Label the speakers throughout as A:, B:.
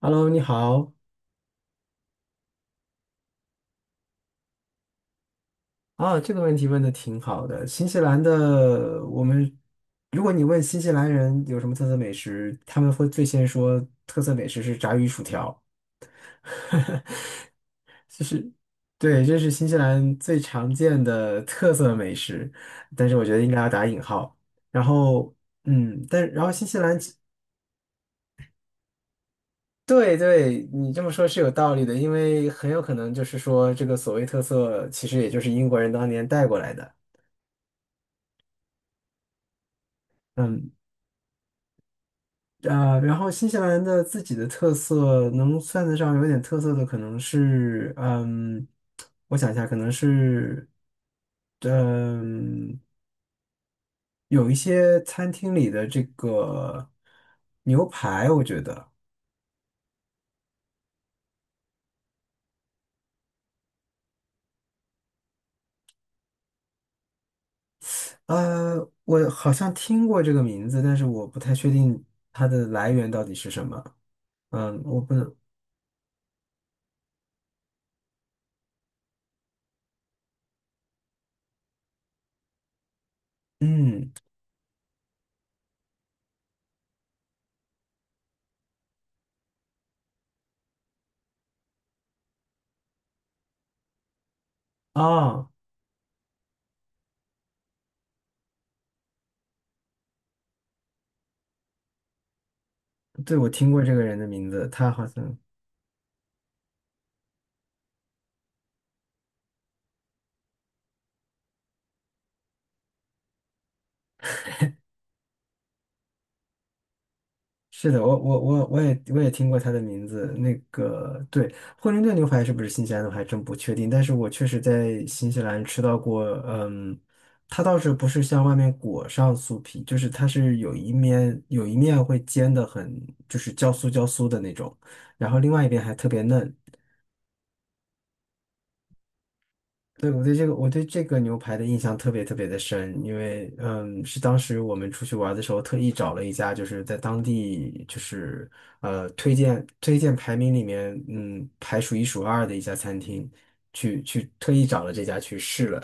A: Hello，你好。这个问题问的挺好的。新西兰的，如果你问新西兰人有什么特色美食，他们会最先说特色美食是炸鱼薯条，就是对，这是新西兰最常见的特色美食，但是我觉得应该要打引号。然后，嗯，但然后新西兰其对对，你这么说是有道理的，因为很有可能就是说这个所谓特色，其实也就是英国人当年带过来的。嗯。然后新西兰的自己的特色，能算得上有点特色的，可能是，我想一下，可能是，嗯，有一些餐厅里的这个牛排，我觉得，我好像听过这个名字，但是我不太确定它的来源到底是什么。嗯，我不能，嗯，啊，对，我听过这个人的名字，他好像。是的，我也听过他的名字。那个对，惠灵顿牛排是不是新西兰的，我还真不确定。但是我确实在新西兰吃到过，它倒是不是像外面裹上酥皮，就是它是有一面会煎的很，就是焦酥焦酥的那种，然后另外一边还特别嫩。对，我对这个牛排的印象特别特别的深，因为是当时我们出去玩的时候特意找了一家，就是在当地就是推荐排名里面排数一数二的一家餐厅，去特意找了这家去试了，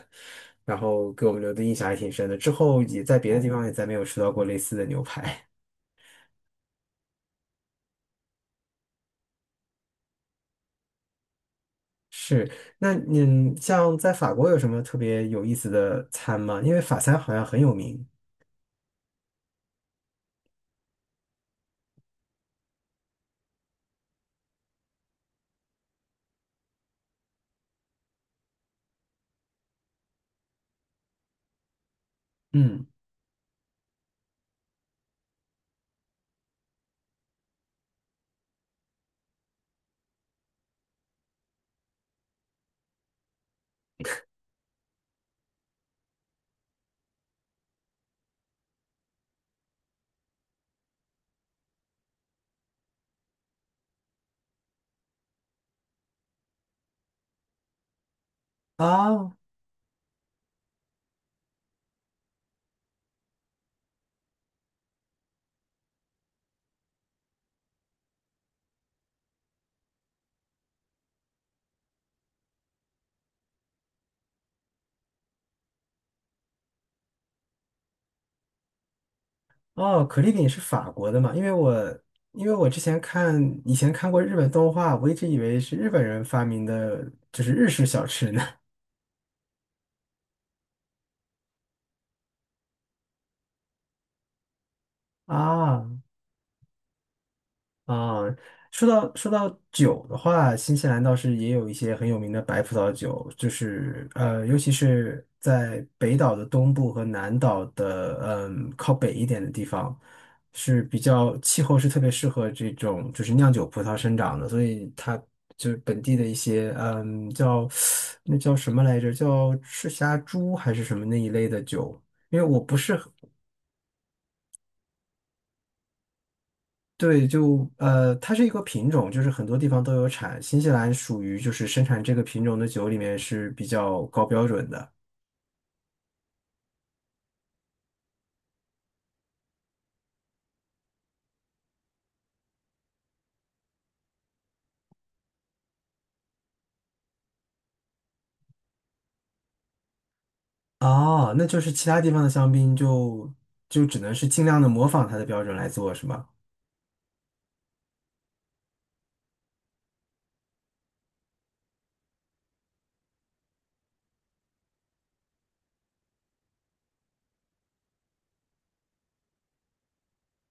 A: 然后给我们留的印象还挺深的。之后也在别的地方也再没有吃到过类似的牛排。是。那你像在法国有什么特别有意思的餐吗？因为法餐好像很有名。嗯，啊。哦，可丽饼是法国的嘛？因为我之前看看过日本动画，我一直以为是日本人发明的，就是日式小吃呢。啊。啊，说到酒的话，新西兰倒是也有一些很有名的白葡萄酒，就是尤其是在北岛的东部和南岛的靠北一点的地方，是比较气候是特别适合这种就是酿酒葡萄生长的，所以它就是本地的一些叫那叫什么来着，叫赤霞珠还是什么那一类的酒，因为我不是对，就它是一个品种，就是很多地方都有产。新西兰属于就是生产这个品种的酒里面是比较高标准的。哦，那就是其他地方的香槟就就只能是尽量的模仿它的标准来做，是吗？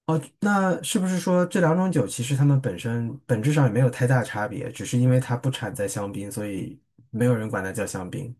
A: 哦，那是不是说这两种酒其实它们本身本质上也没有太大差别，只是因为它不产在香槟，所以没有人管它叫香槟？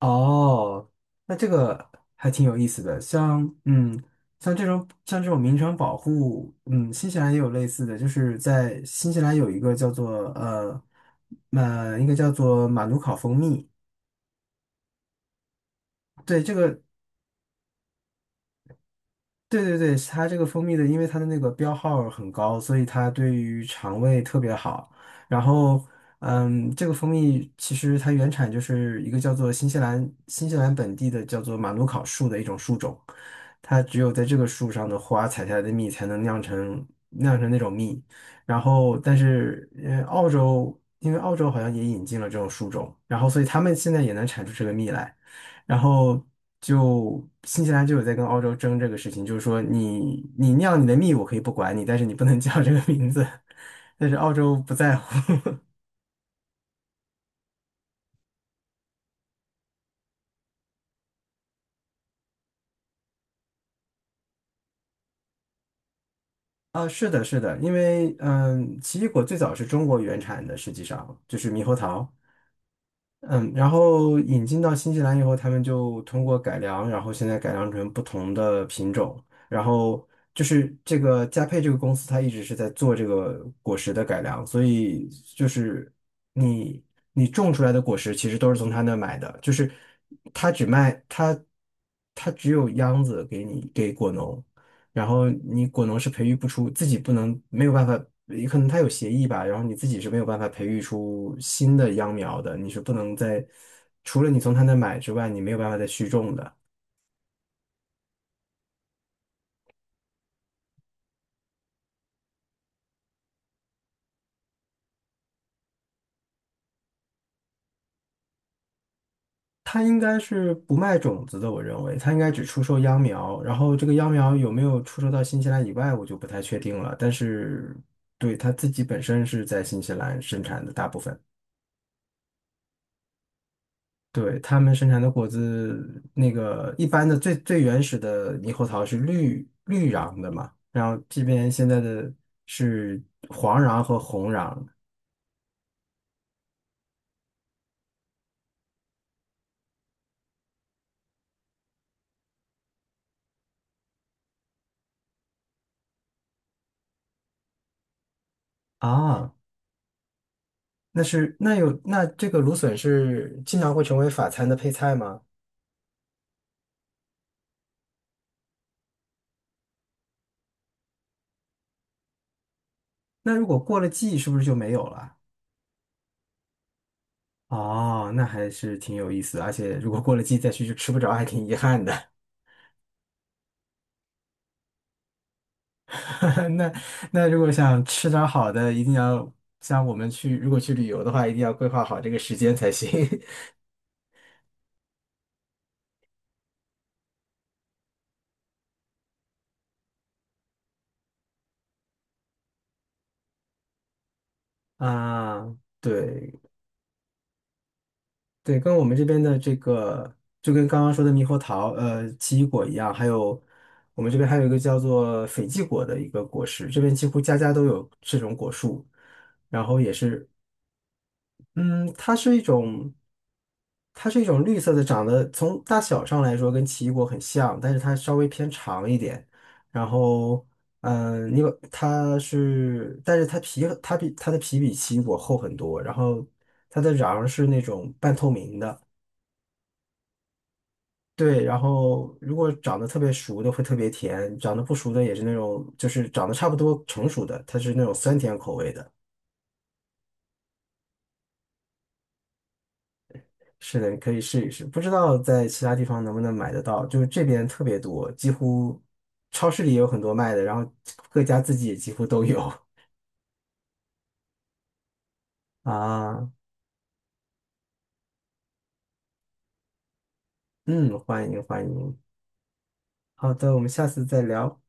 A: 哦，那这个还挺有意思的，像像这种名称保护，新西兰也有类似的，就是在新西兰有一个叫做应该叫做马努考蜂蜜，对，这个对对对，它这个蜂蜜的，因为它的那个标号很高，所以它对于肠胃特别好。然后，这个蜂蜜其实它原产就是一个叫做新西兰本地的叫做马努考树的一种树种，它只有在这个树上的花采下来的蜜才能酿成那种蜜。然后，但是澳洲好像也引进了这种树种，然后所以他们现在也能产出这个蜜来。然后就新西兰就有在跟澳洲争这个事情，就是说你酿你的蜜我可以不管你，但是你不能 叫这个名字。但是澳洲不在乎。啊，是的，是的，因为奇异果最早是中国原产的，实际上就是猕猴桃。嗯，然后引进到新西兰以后，他们就通过改良，然后现在改良成不同的品种。然后就是这个佳沛这个公司，它一直是在做这个果实的改良，所以就是你你种出来的果实其实都是从他那买的，就是他只卖他只有秧子给你给果农，然后你果农是培育不出，自己不能没有办法，也可能它有协议吧，然后你自己是没有办法培育出新的秧苗的，你是不能在除了你从他那买之外，你没有办法再续种的。他应该是不卖种子的，我认为他应该只出售秧苗，然后这个秧苗有没有出售到新西兰以外，我就不太确定了。但是对他自己本身是在新西兰生产的大部分。对，他们生产的果子，那个一般的最最原始的猕猴桃是绿绿瓤的嘛，然后这边现在的是黄瓤和红瓤啊。那是那有那这个芦笋是经常会成为法餐的配菜吗？那如果过了季，是不是就没有了？哦，那还是挺有意思的而且如果过了季再去就吃不着，还挺遗憾的。那那如果想吃点儿好的，一定要像我们去，如果去旅游的话，一定要规划好这个时间才行。 啊。对对，跟我们这边的这个，就跟刚刚说的猕猴桃、奇异果一样，还有我们这边还有一个叫做斐济果的一个果实，这边几乎家家都有这种果树，然后也是嗯，它是一种，它是一种绿色的，长得从大小上来说跟奇异果很像，但是它稍微偏长一点。然后，嗯，你把它是，但是它皮它比它的皮比奇异果厚很多，然后它的瓤儿是那种半透明的。对，然后如果长得特别熟的会特别甜，长得不熟的也是那种，就是长得差不多成熟的，它是那种酸甜口味的。是的，可以试一试。不知道在其他地方能不能买得到，就是这边特别多，几乎超市里也有很多卖的，然后各家自己也几乎都有。 啊。嗯，欢迎欢迎。好的，我们下次再聊。